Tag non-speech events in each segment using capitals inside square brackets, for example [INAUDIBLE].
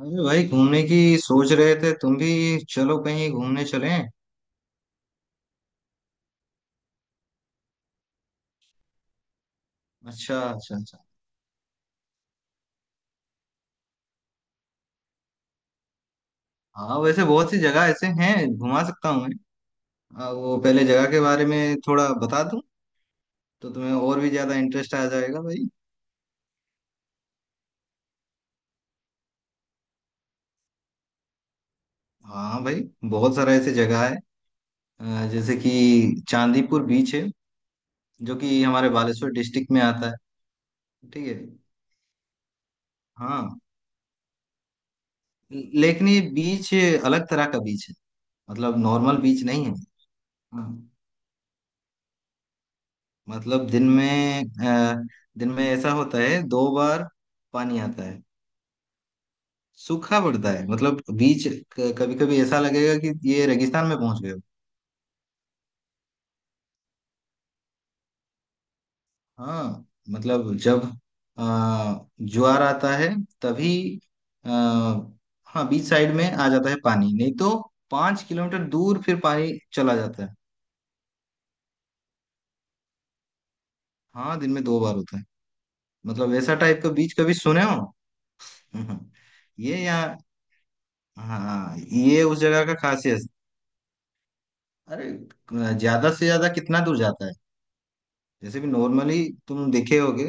अरे भाई घूमने की सोच रहे थे तुम भी। चलो कहीं घूमने चलें। अच्छा अच्छा अच्छा। हाँ वैसे बहुत सी जगह ऐसे हैं घुमा सकता हूँ मैं। वो पहले जगह के बारे में थोड़ा बता दूं तो तुम्हें और भी ज्यादा इंटरेस्ट आ जाएगा भाई। हाँ भाई बहुत सारा ऐसे जगह है। जैसे कि चांदीपुर बीच है जो कि हमारे बालेश्वर डिस्ट्रिक्ट में आता है। ठीक है। हाँ, लेकिन ये बीच अलग तरह का बीच है। मतलब नॉर्मल बीच नहीं है। हाँ। मतलब दिन में दिन में ऐसा होता है दो बार पानी आता है। सूखा पड़ता है मतलब बीच। कभी कभी ऐसा लगेगा कि ये रेगिस्तान में पहुंच गए हो। हाँ मतलब जब आ, ज्वार आता है तभी आ, हाँ बीच साइड में आ जाता है पानी, नहीं तो पांच किलोमीटर दूर फिर पानी चला जाता है। हाँ दिन में दो बार होता है। मतलब ऐसा टाइप का बीच कभी सुने हो। [LAUGHS] ये यहाँ हाँ ये उस जगह का खासियत। अरे ज्यादा से ज्यादा कितना दूर जाता है जैसे भी नॉर्मली तुम देखे होगे।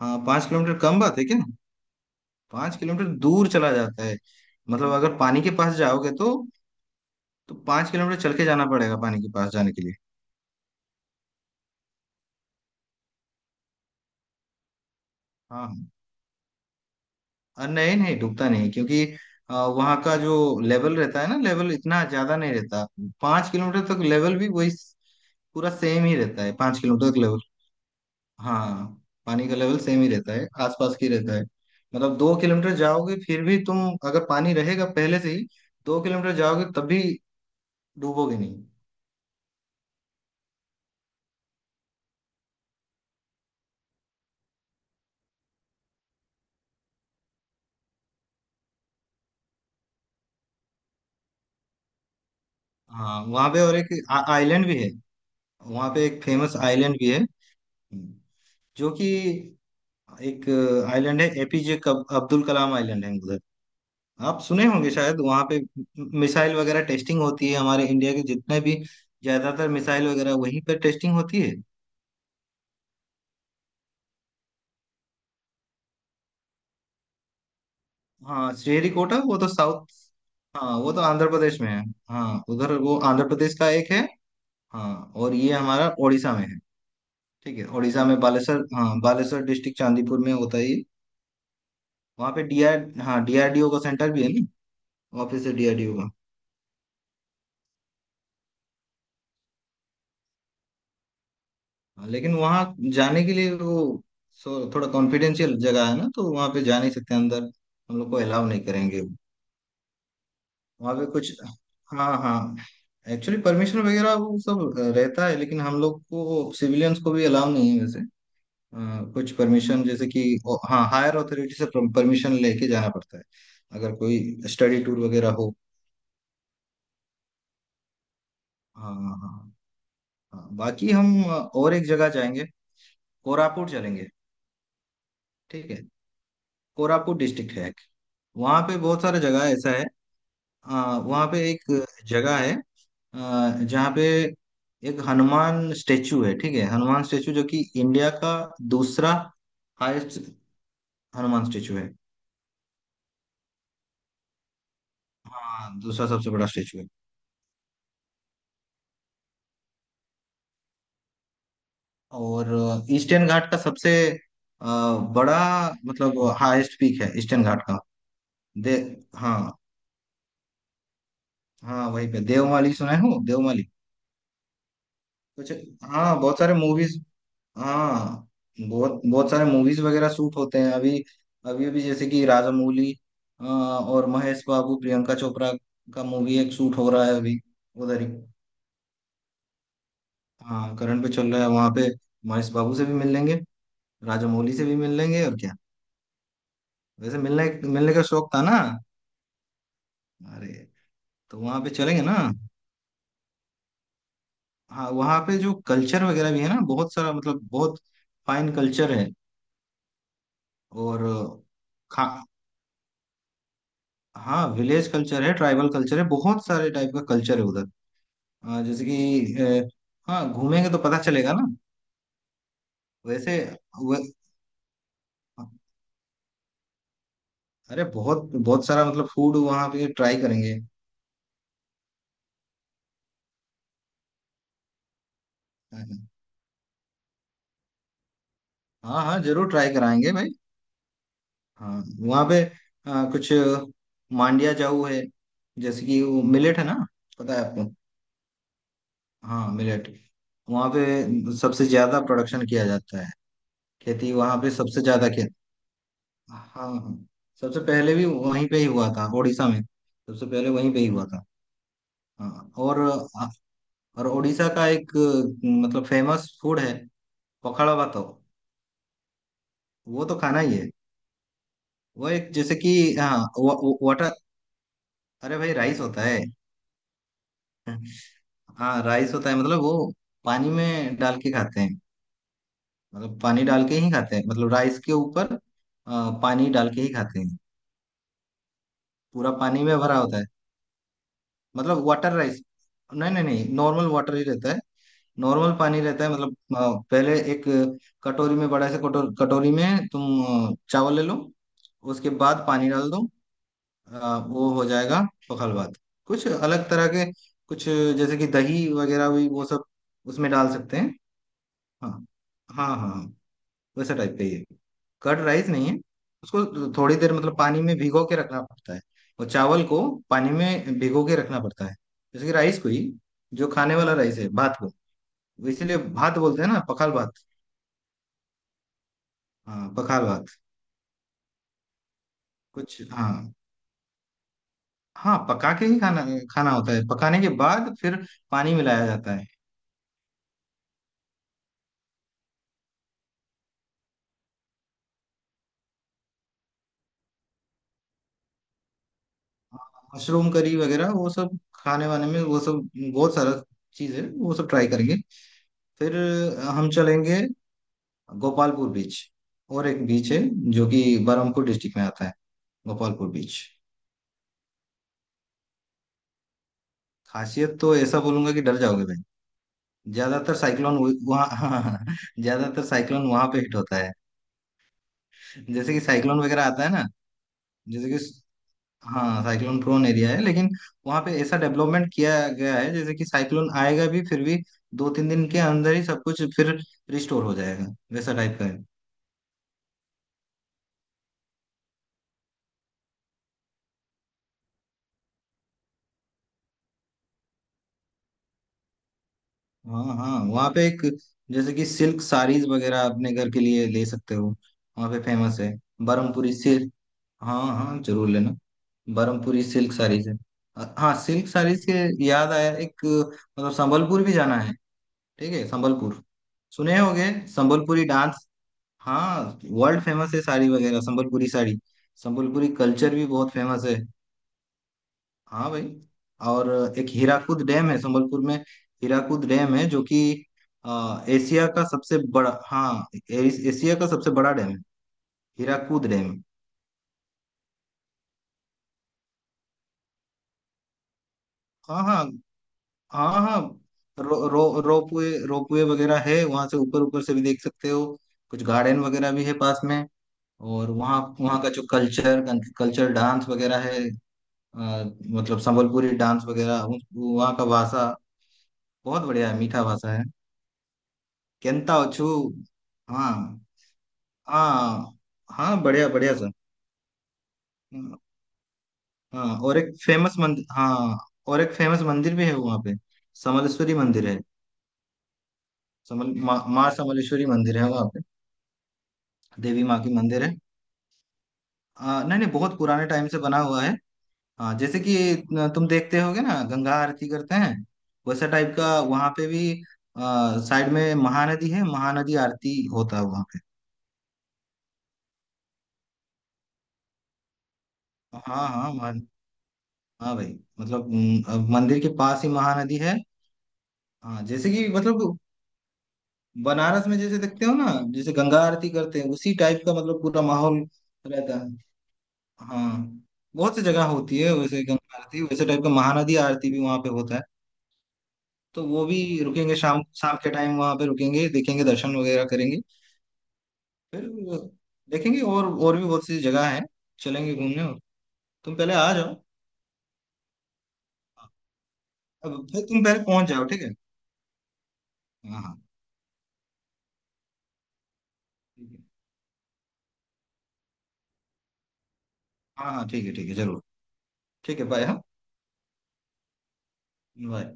हाँ पांच किलोमीटर कम बात है क्या। पांच किलोमीटर दूर चला जाता है। मतलब अगर पानी के पास जाओगे तो पांच किलोमीटर चल के जाना पड़ेगा पानी के पास जाने के लिए। हाँ हाँ। और नहीं नहीं डूबता नहीं क्योंकि वहाँ का जो लेवल रहता है ना, लेवल इतना ज्यादा नहीं रहता। पांच किलोमीटर तक लेवल भी वही पूरा सेम ही रहता है पांच किलोमीटर तक। हाँ पानी का लेवल सेम ही रहता है, आसपास की रहता है। मतलब दो किलोमीटर जाओगे फिर भी तुम, अगर पानी रहेगा पहले से ही दो किलोमीटर जाओगे तब भी डूबोगे नहीं। हाँ वहाँ पे और एक आइलैंड भी है। वहाँ पे एक फेमस आइलैंड भी है जो कि एक आइलैंड है, एपीजे अब्दुल कलाम आइलैंड है उधर। आप सुने होंगे शायद, वहाँ पे मिसाइल वगैरह टेस्टिंग होती है। हमारे इंडिया के जितने भी ज्यादातर मिसाइल वगैरह वहीं पर टेस्टिंग होती है। हाँ श्रीहरिकोटा वो तो साउथ, हाँ वो तो आंध्र प्रदेश में है। हाँ उधर वो आंध्र प्रदेश का एक है। हाँ और ये हमारा उड़ीसा में है। ठीक है, उड़ीसा में बालेश्वर, हाँ बालेश्वर डिस्ट्रिक्ट चांदीपुर में होता है ये। वहाँ पे डीआरडीओ का सेंटर भी है ना। ऑफिस है डीआरडीओ का। हाँ, लेकिन वहाँ जाने के लिए वो थोड़ा कॉन्फिडेंशियल जगह है ना, तो वहाँ पे जा नहीं सकते अंदर। हम लोग को अलाउ नहीं करेंगे। वहाँ पे कुछ हाँ हाँ एक्चुअली परमिशन वगैरह वो सब रहता है, लेकिन हम लोग को सिविलियंस को भी अलाउ नहीं है वैसे। अ, कुछ परमिशन जैसे कि हाँ हायर अथॉरिटी से परमिशन लेके जाना पड़ता है अगर कोई स्टडी टूर वगैरह हो। हाँ हाँ हाँ। हाँ। बाकी और एक जगह जाएंगे, कोरापुट चलेंगे। ठीक है, कोरापुट डिस्ट्रिक्ट है एक। वहाँ पे बहुत सारा जगह ऐसा है। वहाँ पे एक जगह है अ, जहाँ पे एक हनुमान स्टेचू है। ठीक है, हनुमान स्टेचू जो कि इंडिया का दूसरा हाईएस्ट हनुमान स्टेचू है। हाँ दूसरा सबसे बड़ा स्टेचू है। और ईस्टर्न घाट का सबसे अ, बड़ा, मतलब हाईएस्ट पीक है ईस्टर्न घाट का। दे हाँ हाँ वहीं पे, देवमाली सुना हूँ, देवमाली। कुछ हाँ बहुत सारे मूवीज, हाँ बहुत बहुत सारे मूवीज वगैरह शूट होते हैं अभी। अभी जैसे कि राजामौली और महेश बाबू प्रियंका चोपड़ा का मूवी एक शूट हो रहा है अभी उधर ही। हाँ करंट पे चल रहा है वहां पे। महेश बाबू से भी मिल लेंगे, राजामौली से भी मिल लेंगे और क्या। वैसे मिलने मिलने का शौक था ना, अरे तो वहां पे चलेंगे ना। हाँ वहां पे जो कल्चर वगैरह भी है ना बहुत सारा, मतलब बहुत फाइन कल्चर है। और खा हाँ विलेज कल्चर है, ट्राइबल कल्चर है, बहुत सारे टाइप का कल्चर है उधर। अ, जैसे कि अ, हाँ घूमेंगे तो पता चलेगा ना। वैसे वे- अरे बहुत बहुत सारा मतलब फूड वहाँ पे ट्राई करेंगे। हाँ हाँ जरूर ट्राई कराएंगे भाई। हाँ वहाँ पे कुछ मांडिया जाऊ है, जैसे कि वो मिलेट है ना, पता है आपको। हाँ मिलेट वहाँ पे सबसे ज्यादा प्रोडक्शन किया जाता है, खेती वहाँ पे सबसे ज्यादा किया। हाँ हाँ सबसे पहले भी वहीं पे ही हुआ था, उड़ीसा में सबसे पहले वहीं पे ही हुआ था। हाँ और उड़ीसा का एक मतलब फेमस फूड है, पखाड़ा भात। वो तो खाना ही है। वो एक जैसे कि हाँ वा, वा- वाटर, अरे भाई राइस होता है। हाँ राइस होता है, मतलब वो पानी में डाल के खाते हैं। मतलब पानी डाल के ही खाते हैं, मतलब राइस के ऊपर पानी डाल के ही खाते हैं। पूरा पानी में भरा होता है, मतलब वाटर राइस। नहीं नहीं नहीं, नॉर्मल वाटर ही रहता है। नॉर्मल पानी रहता है, मतलब पहले एक कटोरी में बड़ा से कटोरी में तुम चावल ले लो, उसके बाद पानी डाल दो, वो हो जाएगा पखल भात। कुछ अलग तरह के कुछ, जैसे कि दही वगैरह भी वो सब उसमें डाल सकते हैं। हाँ हाँ हाँ हाँ। वैसे टाइप का ही है, कर्ड राइस नहीं है। उसको थोड़ी देर मतलब पानी में भिगो के रखना पड़ता है, और चावल को पानी में भिगो के रखना पड़ता है। जैसे कि राइस को ही, जो खाने वाला राइस है भात को, वो इसीलिए भात बोलते हैं ना, पखाल भात। हाँ पखाल भात। कुछ हाँ हाँ पका के ही खाना खाना होता है, पकाने के बाद फिर पानी मिलाया जाता है। मशरूम करी वगैरह वो सब खाने वाने में, वो सब बहुत सारा चीज है वो सब ट्राई करेंगे। फिर हम चलेंगे गोपालपुर बीच, और एक बीच है जो कि बरहमपुर डिस्ट्रिक्ट में आता है, गोपालपुर बीच। खासियत तो ऐसा बोलूंगा कि डर जाओगे भाई। ज्यादातर साइक्लोन वहाँ [LAUGHS] ज्यादातर साइक्लोन वहां पे हिट होता है। जैसे कि साइक्लोन वगैरह आता है ना, जैसे कि हाँ साइक्लोन प्रोन एरिया है, लेकिन वहां पे ऐसा डेवलपमेंट किया गया है जैसे कि साइक्लोन आएगा भी फिर भी दो तीन दिन के अंदर ही सब कुछ फिर रिस्टोर हो जाएगा, वैसा टाइप का है। हाँ हाँ वहाँ पे एक, जैसे कि सिल्क साड़ीज वगैरह अपने घर के लिए ले सकते हो। वहाँ पे फेमस है बरमपुरी सिल्क। हाँ हाँ जरूर लेना। बरमपुरी सिल्क साड़ीज है। हाँ सिल्क साड़ीज के याद आया, एक मतलब संबलपुर भी जाना है। ठीक है, संबलपुर सुने होगे, संबलपुरी डांस। हाँ वर्ल्ड फेमस है साड़ी वगैरह, संबलपुरी साड़ी। संबलपुरी कल्चर भी बहुत फेमस है। हाँ भाई। और एक हीराकुद डैम है संबलपुर में। हीराकुद डैम है जो कि एशिया का सबसे बड़ा, एशिया का सबसे बड़ा डैम है, हीराकुद डैम। हाँ हाँ हाँ हाँ रो, रो, रोपवे, रोपवे वगैरह है वहां से, ऊपर ऊपर से भी देख सकते हो। कुछ गार्डन वगैरह भी है पास में। और वहाँ वहाँ का जो कल्चर, कल्चर डांस वगैरह है, अ, मतलब संबलपुरी डांस वगैरह। वहाँ का भाषा बहुत बढ़िया है, मीठा भाषा है, केंता ओछू। हाँ हाँ हाँ बढ़िया बढ़िया सर। हाँ हाँ, और एक फेमस मंदिर, हाँ और एक फेमस मंदिर भी है वहाँ पे, समलेश्वरी मंदिर है। समल माँ माँ समलेश्वरी मंदिर है वहाँ पे। देवी माँ की मंदिर है। हाँ, नहीं नहीं बहुत पुराने टाइम से बना हुआ है। हाँ जैसे कि न, तुम देखते होगे ना गंगा आरती करते हैं, वैसा टाइप का वहाँ पे भी साइड में महानदी है, महानदी आरती होता है वहाँ पे। हाँ हाँ महान हाँ भाई, मतलब अब मंदिर के पास ही महानदी है। हाँ जैसे कि मतलब बनारस में जैसे देखते हो ना, जैसे गंगा आरती करते हैं, उसी टाइप का मतलब पूरा माहौल रहता है। हाँ बहुत सी जगह होती है वैसे गंगा आरती, वैसे टाइप का महानदी आरती भी वहाँ पे होता है, तो वो भी रुकेंगे। शाम शाम के टाइम वहाँ पे रुकेंगे, देखेंगे दर्शन वगैरह करेंगे। फिर देखेंगे, और भी बहुत सी जगह है, चलेंगे घूमने। तुम पहले आ जाओ। हाँ, अब फिर तुम पहले पहुंच जाओ ठीक है। हाँ हाँ ठीक है। हाँ हाँ ठीक है, ठीक है जरूर। ठीक है बाय। हाँ बाय।